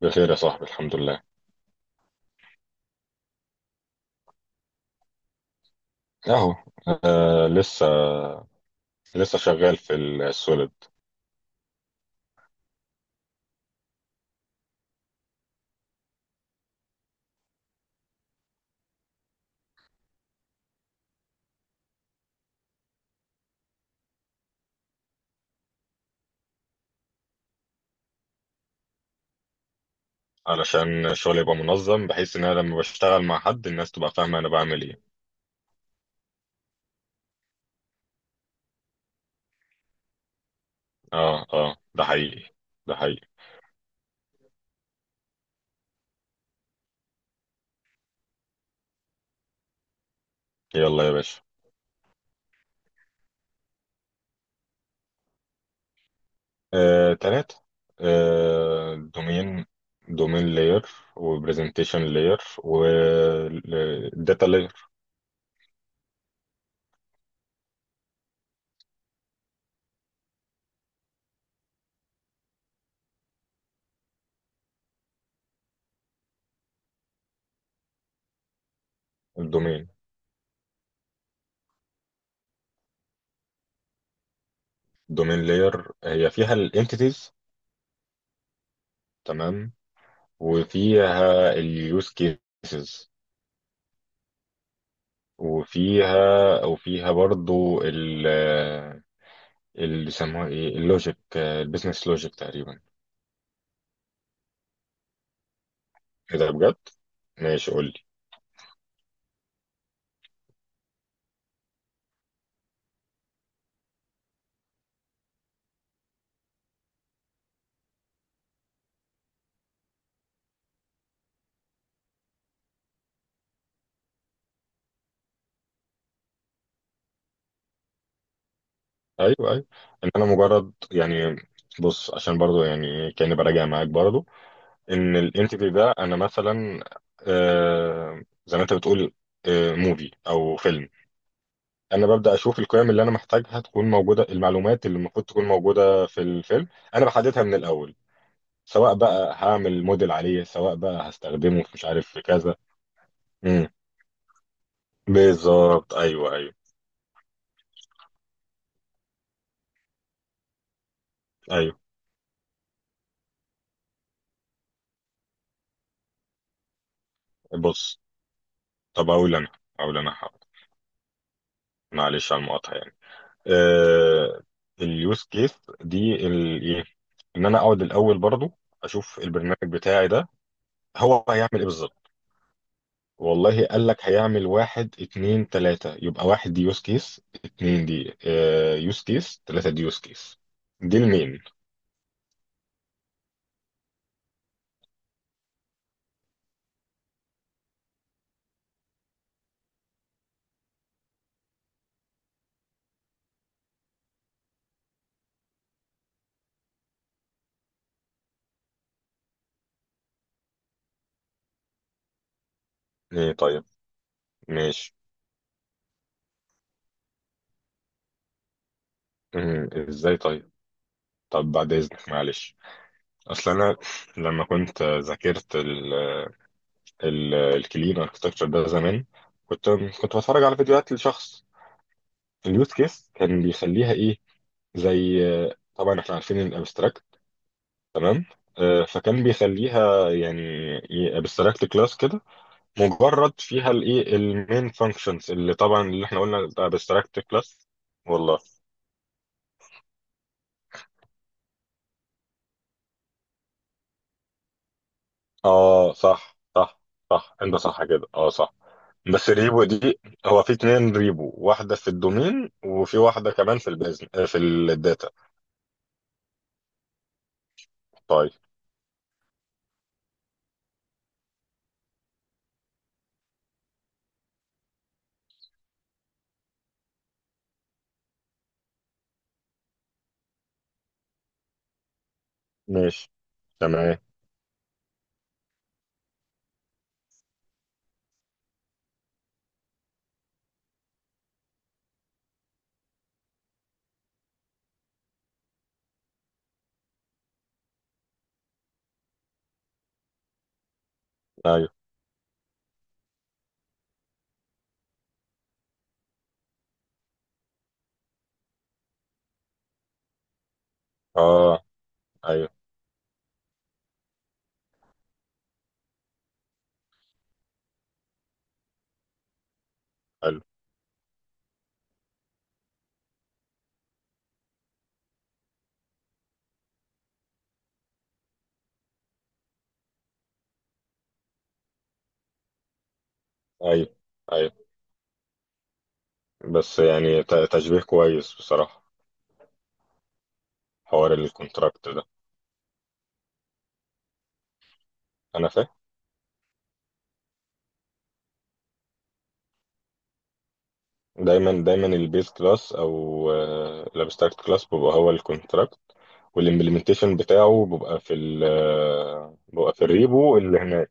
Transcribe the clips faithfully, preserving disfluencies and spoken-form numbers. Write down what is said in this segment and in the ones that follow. بخير يا صاحبي، الحمد لله. اهو. آه، لسه. لسه شغال في السوليد. علشان الشغل يبقى منظم، بحيث ان انا لما بشتغل مع حد الناس تبقى فاهمة انا بعمل ايه. اه، اه، ده حقيقي. ده حقيقي. يلا يا باشا. آه، تلاتة. آه، دومين. دومين لاير، وبرزنتيشن لاير، وداتا لاير. الدومين. دومين لاير هي فيها الانتيتيز. تمام. وفيها اليوز كيسز. وفيها وفيها برضو ال اللي بيسموها ايه، اللوجيك، البيزنس لوجيك تقريبا. كده بجد؟ ماشي، قول لي. ايوه ايوه. ان انا مجرد يعني. بص، عشان برضو يعني إيه، كاني براجع معاك برضو ان الانتيتي ده انا مثلا، آه، زي ما انت بتقول، آه، موفي او فيلم. انا ببدا اشوف القيم اللي انا محتاجها تكون موجوده، المعلومات اللي المفروض تكون موجوده في الفيلم. انا بحددها من الاول، سواء بقى هعمل موديل عليه، سواء بقى هستخدمه في مش عارف في كذا. امم. بالظبط، ايوه ايوه. ايوه. بص، طب اقول انا، اقول انا حاضر. معلش على المقاطعه يعني. آه، اليوز كيس دي ال... إيه؟ ان انا اقعد الاول برضو اشوف البرنامج بتاعي ده، هو هيعمل ايه بالظبط. والله قال لك هيعمل واحد اتنين تلاتة، يبقى واحد دي يوز كيس، اتنين دي آه يوز كيس، تلاتة دي يوز كيس. دي المين. إيه؟ طيب ماشي. مم، ازاي طيب؟ طب بعد إذنك، معلش. أصل أنا لما كنت ذاكرت ال ال الكلين اركتكتشر ده زمان، كنت كنت بتفرج على فيديوهات لشخص. اليوز كيس كان بيخليها إيه، زي، طبعا إحنا عارفين الأبستراكت، تمام. آه، فكان بيخليها يعني ابستراكت كلاس كده، مجرد فيها الايه المين فانكشنز، اللي طبعا اللي احنا قلنا ابستراكت كلاس. والله. اه، صح صح. صح، انت صح كده، اه، صح. بس ريبو دي، هو في اتنين ريبو، واحدة في الدومين، وفي واحدة كمان في البيزن آه، في الداتا. طيب. ماشي. تمام. ايوه. اه، ايوه. حلو. ايوه ايوه. بس يعني ت- تشبيه كويس بصراحة. حوار الكونتراكت ده. انا فاهم. دايما دايما البيز كلاس او آه، الابستراكت كلاس بيبقى هو الكونتراكت، والامبلمنتيشن بتاعه بيبقى في ال آه، بيبقى في الريبو اللي هناك.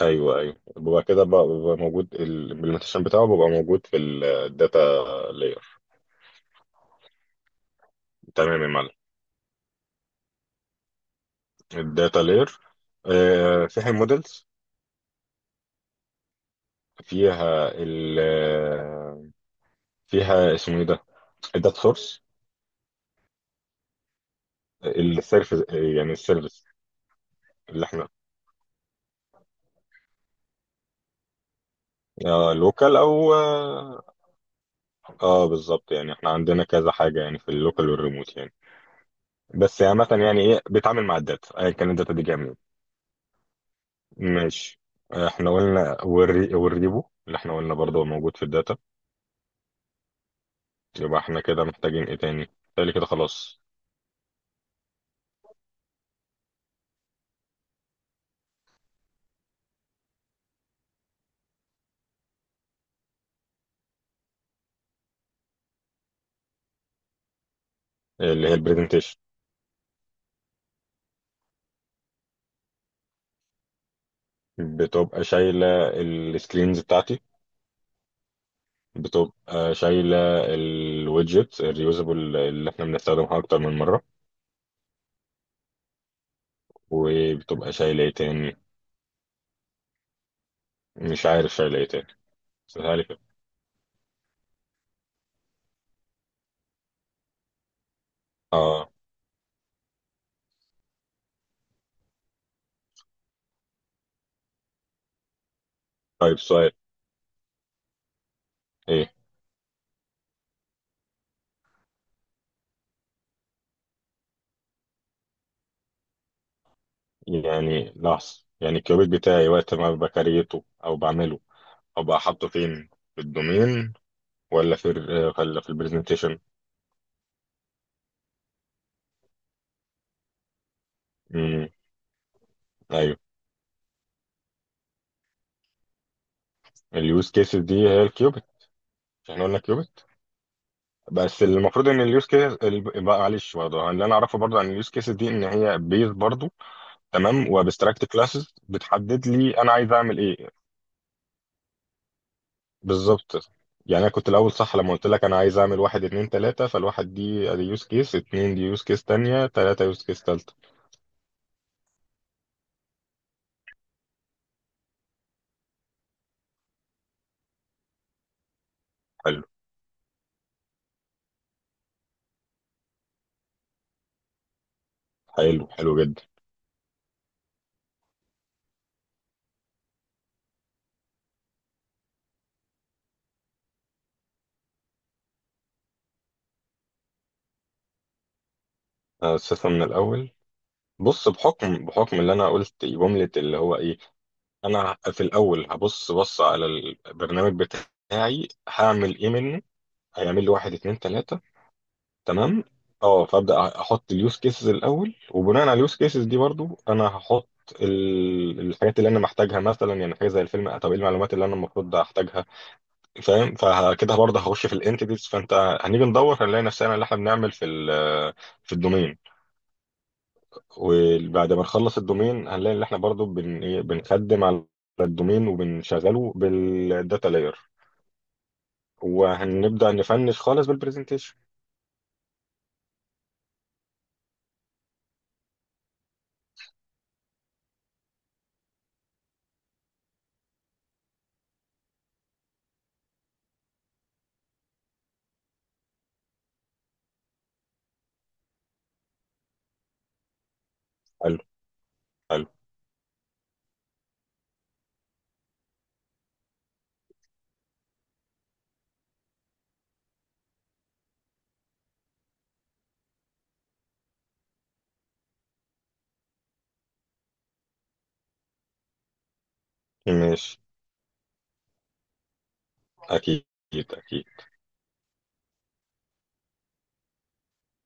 ايوه ايوه، ببقى كده بقى- ببقى موجود، ال- الامبلمنتيشن بتاعه ببقى موجود في الداتا لاير. تمام يا معلم. الداتا لاير فيها المودلز، فيها ال آه، فيها اسمه ايه ده، الداتا سورس. السيرفيس يعني السيرفيس اللي احنا، آه، لوكال او اه آه، بالظبط، يعني احنا عندنا كذا حاجه يعني، في اللوكال والريموت يعني. بس عامه يعني ايه بيتعامل مع الداتا ايا كان الداتا دي جايه منين. ماشي. احنا قلنا والري... والريبو اللي احنا قلنا برضه هو موجود في الداتا. يبقى احنا كده محتاجين ايه تاني؟ تالي كده خلاص. اللي هي البرزنتيشن. بتبقى شايلة السكرينز بتاعتي. بتبقى شايلة الويدجت الريوزابل اللي احنا بنستخدمها اكتر من مرة. وبتبقى شايلة ايه تاني؟ مش عارف شايلة ايه تاني. سهلة كده. اه. طيب، سؤال. ايه؟ يعني لحظة، يعني الكيوبيت بتاعي وقت ما بكريته او بعمله ابقى حاطه فين؟ في الدومين ولا في ال- ولا في البرزنتيشن؟ امم. ايوه. اليوز كيسز دي هي الكيوبت. مش احنا قلنا كيوبت؟ بس المفروض ان اليوز كيس ال- بقى، معلش برضه، اللي انا اعرفه برضه عن اليوز كيسز دي ان هي بيز برضه، تمام، وابستراكت كلاسز بتحدد لي انا عايز اعمل ايه. بالظبط. يعني انا كنت الاول صح لما قلت لك انا عايز اعمل واحد اتنين تلاته، فالواحد دي ادي يوز كيس، اتنين دي يوز كيس تانيه، تلاته يوز كيس تالته. حلو. حلو. حلو جدا. اسسها من الاول. بص، بحكم بحكم اللي انا قلت جمله اللي هو ايه، انا في الاول هبص بص على البرنامج بتاعي هعمل ايه منه، هيعمل لي واحد اتنين تلاتة، تمام. اه، فابدا احط اليوز كيسز الاول، وبناء على اليوز كيسز دي برضو انا هحط ال- الحاجات اللي انا محتاجها، مثلا يعني حاجه زي الفيلم، طب ايه المعلومات اللي انا المفروض احتاجها، فاهم؟ فكده برضه هخش في الانتيتيز، فانت هنيجي ندور، هنلاقي نفسنا اللي احنا بنعمل في ال- في الدومين. وبعد ما نخلص الدومين هنلاقي ان احنا برضو بن... إيه، بنخدم على الدومين، وبنشغله بالداتا لاير، وهنبدأ نفنش خالص بالبرزنتيشن. حلو. حلو. ماشي. اكيد. اكيد.